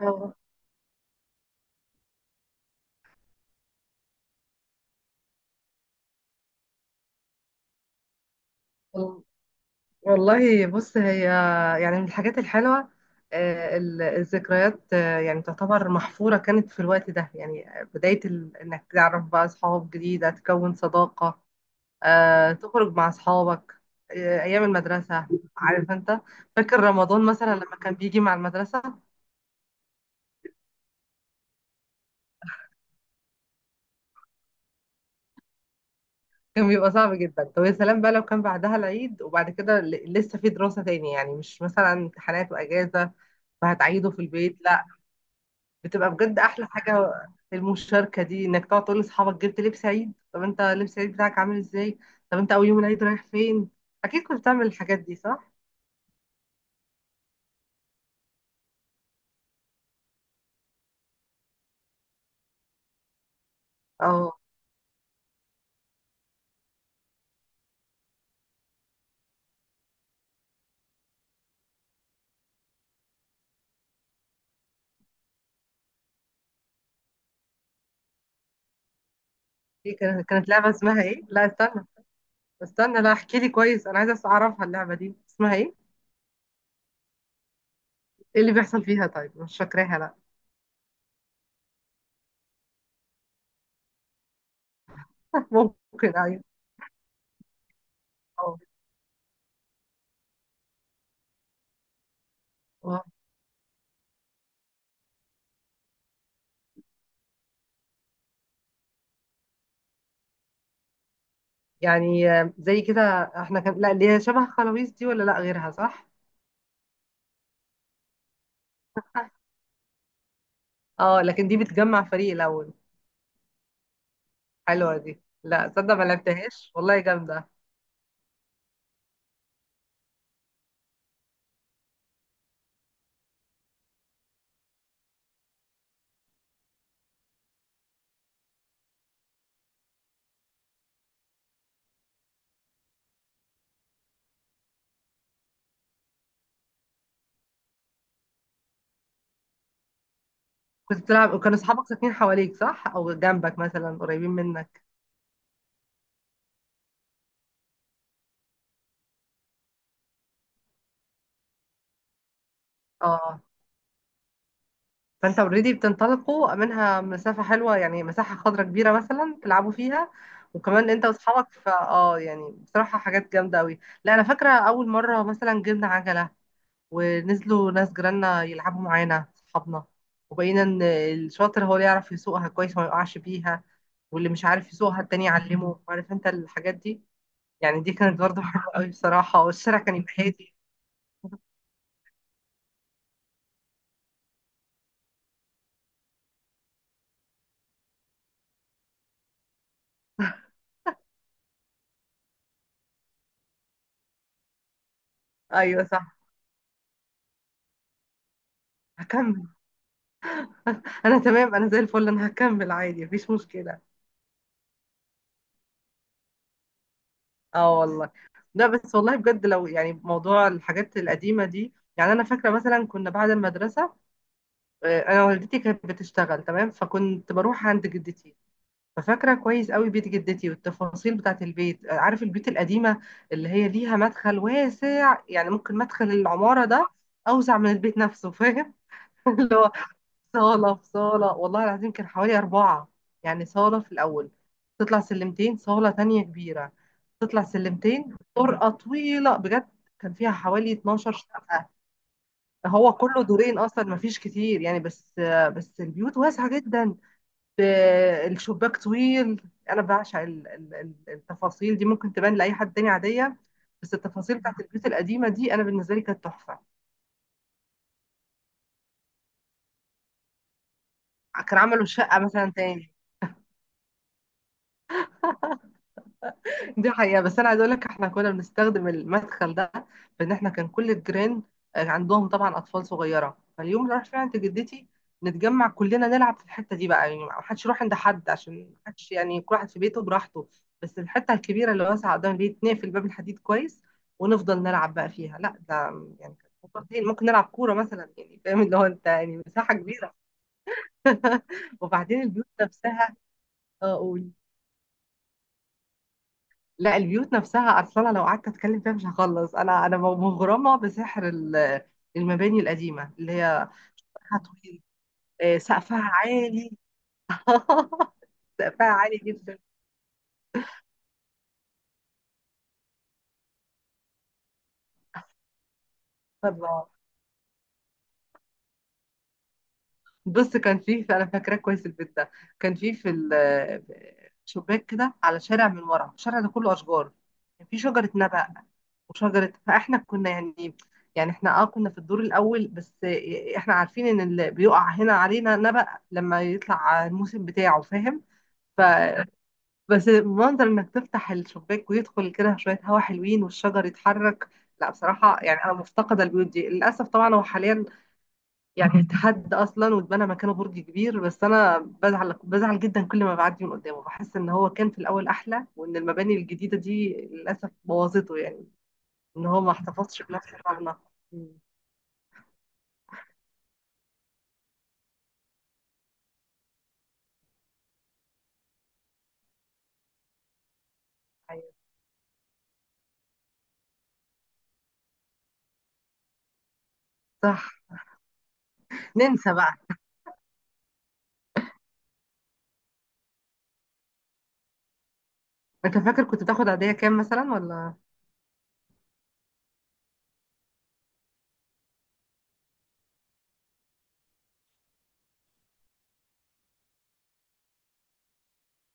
آه، وال- والله بص هي يعني من الحاجات الحلوة، الذكريات يعني تعتبر محفورة، كانت في الوقت ده يعني بداية إنك تعرف بقى أصحاب جديدة تكون صداقة، تخرج مع أصحابك، أيام المدرسة. عارف أنت، فاكر رمضان مثلا لما كان بيجي مع المدرسة كان بيبقى صعب جدا. طب يا سلام بقى لو كان بعدها العيد وبعد كده لسه في دراسة تاني، يعني مش مثلا امتحانات وأجازة فهتعيده في البيت. بتبقى بجد احلى حاجه المشاركه دي، انك تقعد تقول لاصحابك جبت لبس عيد، طب انت لبس العيد بتاعك عامل ازاي، طب انت اول يوم العيد رايح فين. اكيد كنت بتعمل الحاجات دي صح؟ اه، دي كانت لعبه اسمها ايه، لا استنى استنى، لا احكي لي كويس، انا عايزه اعرفها اللعبه دي اسمها ايه، ايه اللي بيحصل فيها؟ طيب مش فاكراها لا. ممكن ايوه. اه. آه. يعني زي كده احنا كان، لا اللي هي شبه خلاويص دي ولا لا غيرها صح؟ اه لكن دي بتجمع فريق الاول. حلوه دي، لا تصدق ما لعبتهاش والله جامده. كنت بتلعب وكانوا اصحابك ساكنين حواليك صح؟ او جنبك مثلا قريبين منك. اه، فانت اوريدي بتنطلقوا منها مسافة حلوة، يعني مساحة خضراء كبيرة مثلا تلعبوا فيها وكمان انت واصحابك. فا اه يعني بصراحة حاجات جامدة قوي. لا انا فاكرة اول مرة مثلا جبنا عجلة، ونزلوا ناس جيراننا يلعبوا معانا صحابنا، وبقينا ان الشاطر هو اللي يعرف يسوقها كويس ما يقعش بيها، واللي مش عارف يسوقها التاني يعلمه، عارف انت الحاجات دي. يعني دي كانت برضه حلوة قوي بصراحة، والشارع كان يبقى هادي. ايوه صح. هكمل. انا تمام، انا زي الفل، انا هكمل عادي مفيش مشكله. اه والله. لا بس والله بجد لو يعني موضوع الحاجات القديمه دي، يعني انا فاكره مثلا كنا بعد المدرسه، انا والدتي كانت بتشتغل تمام، فكنت بروح عند جدتي. ففاكره كويس قوي بيت جدتي والتفاصيل بتاعت البيت، عارف البيوت القديمه اللي هي ليها مدخل واسع، يعني ممكن مدخل العماره ده اوسع من البيت نفسه فاهم؟ اللي هو صالة في صالة، والله العظيم كان حوالي أربعة، يعني صالة في الأول، تطلع سلمتين صالة تانية كبيرة، تطلع سلمتين طرقة طويلة بجد كان فيها حوالي 12 شقة. هو كله دورين أصلا، مفيش كتير يعني، بس البيوت واسعة جدا. ب- الشباك طويل. أنا بعشق التفاصيل دي، ممكن تبان لأي حد تاني عادية، بس التفاصيل بتاعت البيوت القديمة دي أنا بالنسبة لي كانت تحفة. كان عملوا شقة مثلا تاني. دي حقيقة، بس أنا عايزة أقول لك إحنا كنا بنستخدم المدخل ده، بإن إحنا كان كل الجيران عندهم طبعا أطفال صغيرة، فاليوم اللي راح فيه عند جدتي نتجمع كلنا نلعب في الحتة دي بقى، يعني محدش يروح عند حد عشان محدش، يعني كل واحد في بيته براحته، بس الحتة الكبيرة اللي واسعة قدام البيت نقفل باب الحديد كويس ونفضل نلعب بقى فيها. لا ده يعني كانت مفضلين. ممكن نلعب كورة مثلا، يعني فاهم اللي هو، أنت يعني مساحة كبيرة. وبعدين البيوت نفسها، لا البيوت نفسها اصلا لو قعدت اتكلم فيها مش هخلص، انا مغرمه بسحر المباني القديمه اللي هي سقفها طويل، سقفها عالي، سقفها عالي جدا. بص كان فيه، انا فاكراه كويس البيت ده، كان فيه في شباك كده على شارع، من ورا الشارع ده كله اشجار، كان فيه شجره نبق وشجره، فاحنا كنا يعني، يعني احنا كنا في الدور الاول بس، احنا عارفين ان اللي بيقع هنا علينا نبق لما يطلع الموسم بتاعه فاهم؟ ف بس منظر انك تفتح الشباك ويدخل كده شويه هوا حلوين والشجر يتحرك، لا بصراحه يعني انا مفتقده البيوت دي للاسف. طبعا هو حاليا يعني اتحد اصلا واتبنى مكانه برج كبير، بس انا بزعل بزعل جدا كل ما بعدي من قدامه، بحس ان هو كان في الاول احلى، وان المباني الجديده دي للاسف بوظته يعني، ان هو ما احتفظش بنفس طعمنا. مم. ايوه صح. ننسى بقى. انت فاكر كنت بتاخد عاديه كام مثلا ولا؟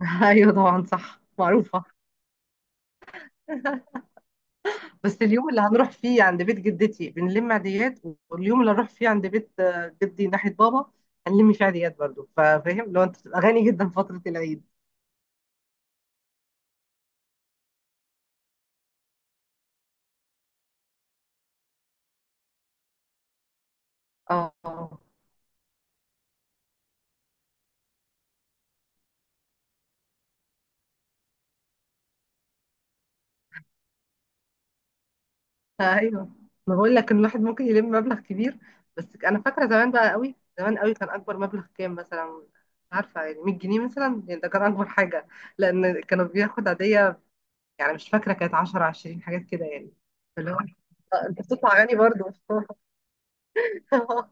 ايوه طبعا صح معروفه. بس اليوم اللي هنروح فيه عند بيت جدتي بنلم عاديات، واليوم اللي هنروح فيه عند بيت جدي ناحيه بابا هنلم فيه عاديات برضو، فاهم؟ لو انت بتبقى غني جدا فتره العيد. اه. ايوه، ما بقول لك ان الواحد ممكن يلم مبلغ كبير، بس انا فاكره زمان بقى قوي زمان قوي كان اكبر مبلغ كام مثلا، مش عارفه يعني 100 جنيه مثلا، يعني ده كان اكبر حاجه، لان كانوا بياخد عاديه، يعني مش فاكره كانت 10 20 حاجات كده يعني. اللي هو انت بتطلع غني برضه.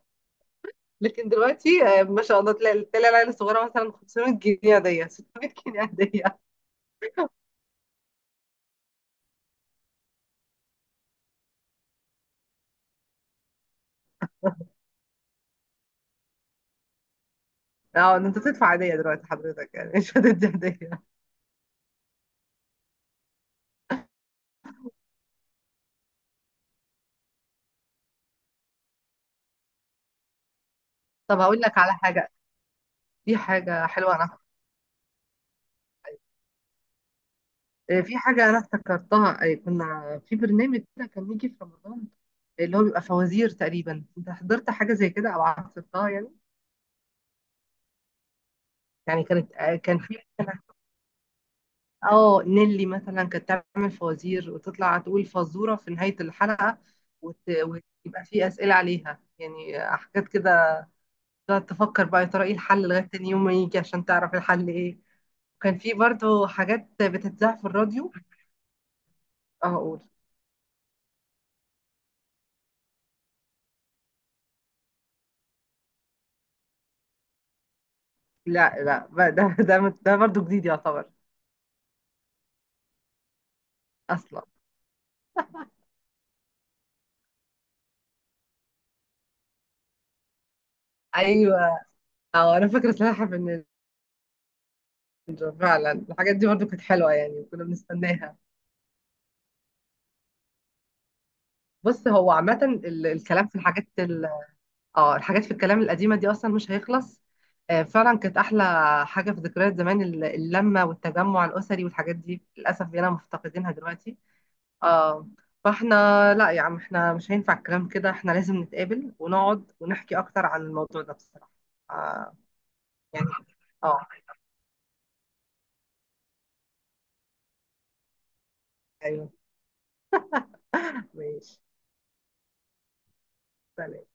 لكن دلوقتي ما شاء الله، تلاقي العيله الصغيره مثلا 500 جنيه عاديه، 600 جنيه عاديه. اه، إن انت بتدفع عاديه دلوقتي حضرتك، يعني مش هتدي عاديه. طب هقول لك على حاجه، دي حاجه حلوه. انا في حاجة أنا افتكرتها، كنا في برنامج كده كان يجي في رمضان، اللي هو بيبقى فوازير تقريبا، أنت حضرت حاجة زي كده أو عصرتها يعني؟ يعني كانت، كان في نيلي مثلا كانت تعمل فوازير وتطلع تقول فزورة في نهاية الحلقة، ويبقى في أسئلة عليها، يعني حاجات كده، تقعد تفكر بقى يا ترى ايه الحل لغاية تاني يوم ما يجي عشان تعرف الحل ايه، وكان في برضو حاجات بتتذاع في الراديو. اه اقول، لا لا بقى ده برضو جديد يعتبر أصلا. ايوه اه، انا فاكره سلاحف النينجا فعلا، الحاجات دي برضو كانت حلوه يعني كنا بنستناها. بص هو عامه الكلام في الحاجات ال... اه الحاجات في الكلام القديمه دي اصلا مش هيخلص، فعلا كانت احلى حاجه في ذكريات زمان، اللمه والتجمع الاسري والحاجات دي للاسف بقينا مفتقدينها دلوقتي. اه فاحنا، لا يا عم احنا مش هينفع الكلام كده، احنا لازم نتقابل ونقعد ونحكي اكتر عن الموضوع ده بصراحه. آه يعني اه. ايوه ماشي. سلام.